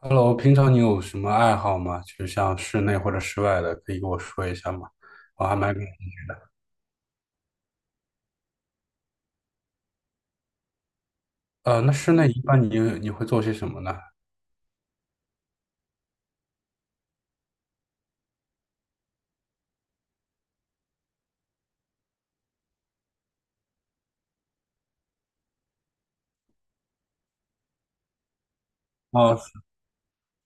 Hello，平常你有什么爱好吗？就像室内或者室外的，可以跟我说一下吗？我还蛮……那室内一般你会做些什么呢？哦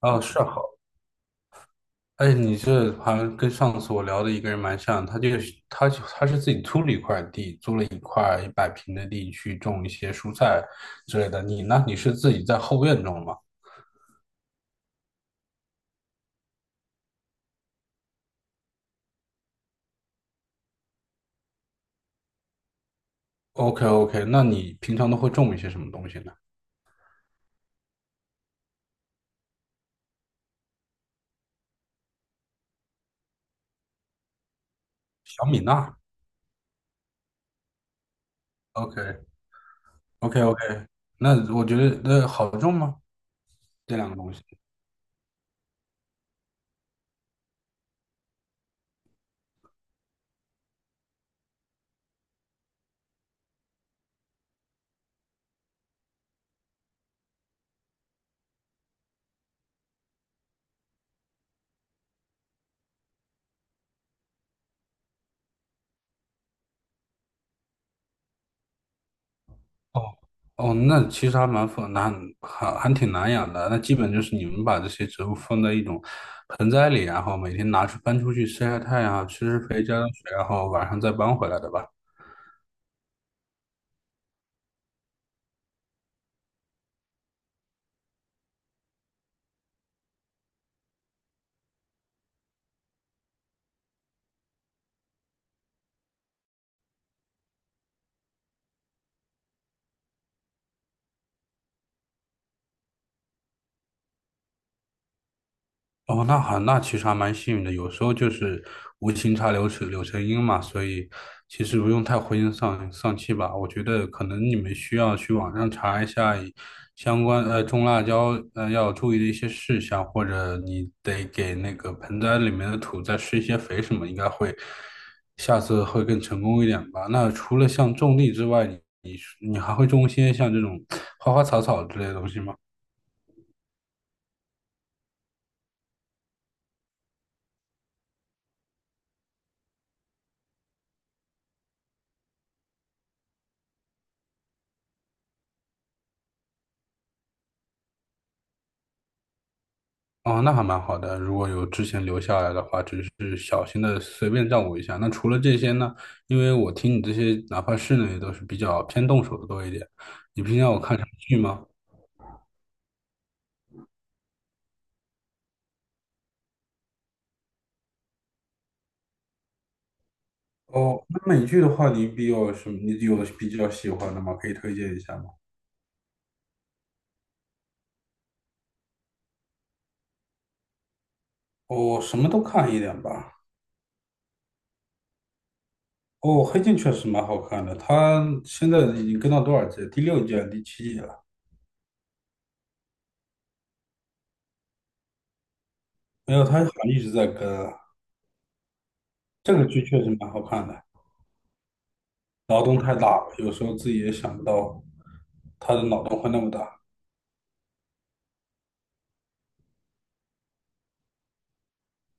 哦，是好。哎，你这好像跟上次我聊的一个人蛮像，他就是他就他是自己租了一块地，租了一块一百平的地去种一些蔬菜之类的。你呢？你是自己在后院种吗？OK OK，那你平常都会种一些什么东西呢？小米辣。OK OK OK，那我觉得那好种吗？这两个东西。哦哦，那其实还蛮复难，还挺难养的。那基本就是你们把这些植物放在一种盆栽里，然后每天搬出去晒晒太阳啊，吃吃肥，浇浇水，然后晚上再搬回来的吧。哦，那好，那其实还蛮幸运的，有时候就是无情插柳柳成荫嘛，所以其实不用太灰心丧气吧。我觉得可能你们需要去网上查一下相关种辣椒要注意的一些事项，或者你得给那个盆栽里面的土再施一些肥什么，应该会下次会更成功一点吧。那除了像种地之外，你还会种一些像这种花花草草之类的东西吗？哦，那还蛮好的。如果有之前留下来的话，只是小心的随便照顾一下。那除了这些呢？因为我听你这些，哪怕室内都是比较偏动手的多一点。你平常有看什么剧吗？哦，那美剧的话，你比较什么？你有比较喜欢的吗？可以推荐一下吗？哦，什么都看一点吧。哦，《黑镜》确实蛮好看的，它现在已经跟到多少季了？第六季、第七季了？没有，它好像一直在跟啊。这个剧确实蛮好看的。脑洞太大了，有时候自己也想不到他的脑洞会那么大。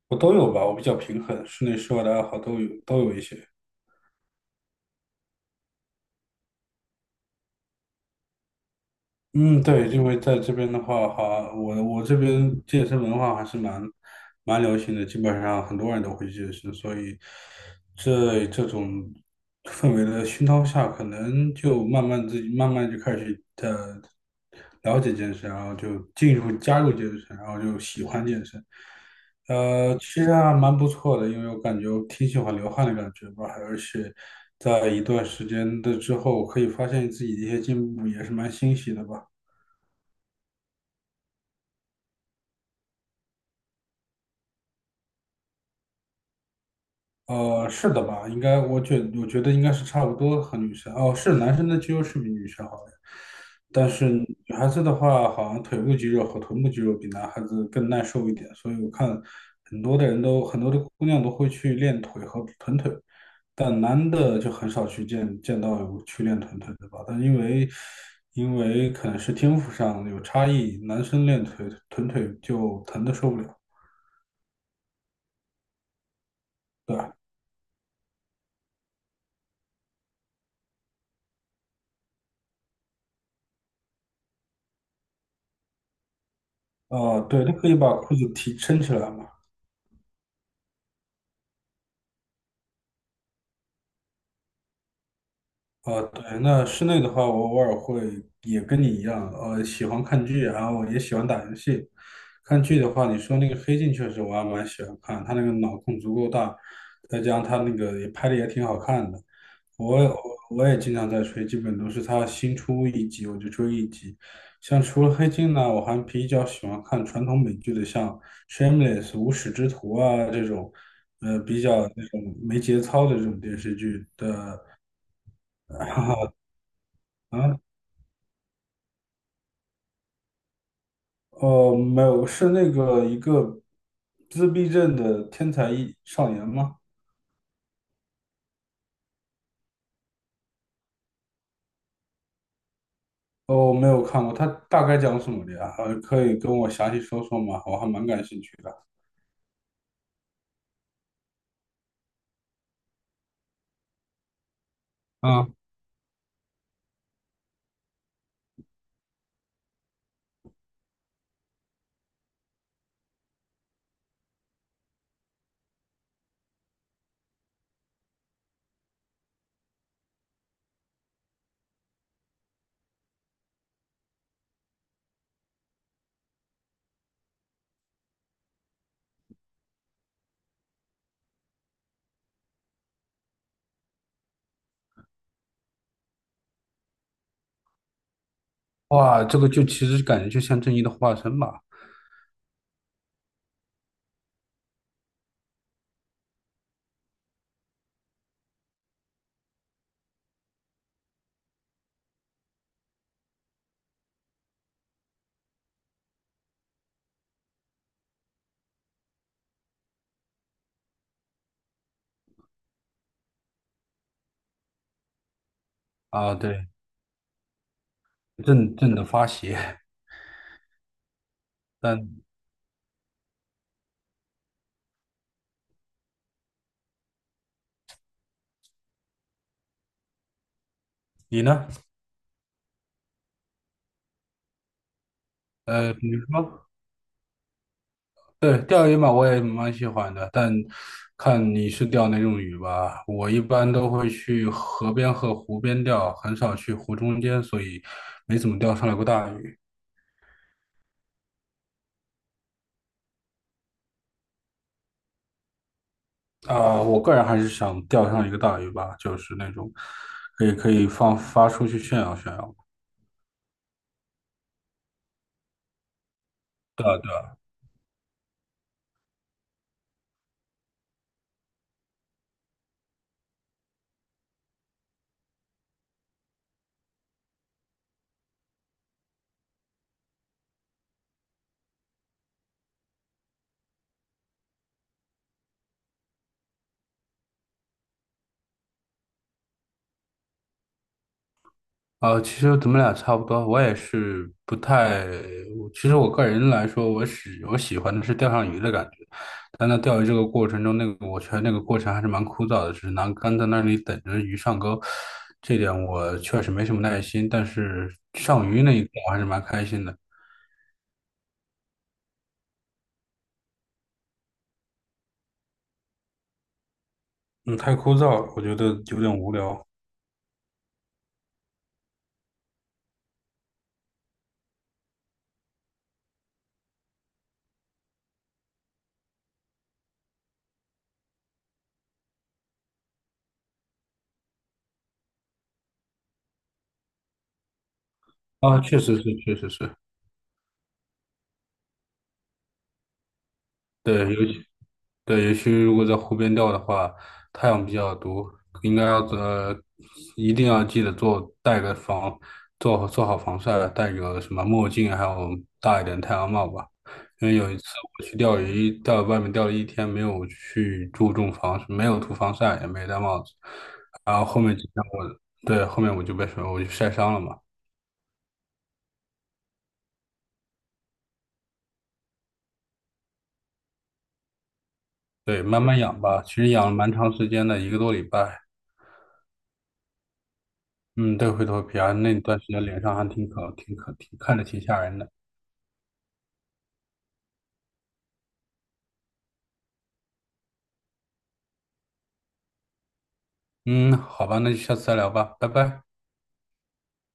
我都有吧，我比较平衡，室内室外的爱好都有，都有一些。嗯，对，因为在这边的话，哈，我这边健身文化还是蛮流行的，基本上很多人都会健身，所以这种氛围的熏陶下，可能就慢慢自己慢慢就开始的了解健身，然后就加入健身，然后就喜欢健身，其实还蛮不错的，因为我感觉我挺喜欢流汗的感觉吧，而且在一段时间的之后，可以发现自己的一些进步，也是蛮欣喜的吧。是的吧？应该，我觉得应该是差不多和女生哦，是男生的肌肉是比女生好的，但是女孩子的话，好像腿部肌肉和臀部肌肉比男孩子更耐受一点，所以我看很多的姑娘都会去练腿和臀腿，但男的就很少去到有去练臀腿的吧？但因为因为可能是天赋上有差异，男生练腿臀腿就疼的受不了，对吧？啊、对，他可以把裤子撑起来嘛。哦，对，那室内的话，我偶尔会也跟你一样，喜欢看剧，然后也喜欢打游戏。看剧的话，你说那个《黑镜》确实我还蛮喜欢看，他那个脑洞足够大，再加上他那个也拍的也挺好看的。我也我也经常在追，基本都是他新出一集我就追一集。像除了《黑镜》呢，我还比较喜欢看传统美剧的，像《Shameless》无耻之徒啊这种，比较那种没节操的这种电视剧。对，啊。没有，是那个自闭症的天才一少年吗？哦，我没有看过，他大概讲什么的呀？可以跟我详细说说吗？我还蛮感兴趣的。嗯，哇，这个就其实感觉就像正义的化身吧？啊，对，正正的发邪。但你呢？呃，比如说。对，钓鱼嘛，我也蛮喜欢的，但看你是钓哪种鱼吧。我一般都会去河边和湖边钓，很少去湖中间，所以没怎么钓上来过大鱼。啊、我个人还是想钓上一个大鱼吧，就是那种可以放发出去炫耀炫耀。其实咱们俩差不多，我也是不太，其实我个人来说，我喜欢的是钓上鱼的感觉，但在钓鱼这个过程中，我觉得那个过程还是蛮枯燥的，只是拿竿在那里等着鱼上钩，这点我确实没什么耐心，但是上鱼那一刻我还是蛮开心的。嗯，太枯燥了，我觉得有点无聊。啊，确实是，对，尤其。对，尤其如果在湖边钓的话，太阳比较毒，应该要呃，一定要记得戴个做好防晒，戴个什么墨镜，还有大一点太阳帽吧。因为有一次我去钓鱼，在外面钓了一天，没有去注重没有涂防晒，也没戴帽子，然后后面几天我，对，后面我就晒伤了嘛。对，慢慢养吧，其实养了蛮长时间的，一个多礼拜。嗯，对，灰头皮啊，那段时间脸上还挺看着挺吓人的。嗯，好吧，那就下次再聊吧，拜拜。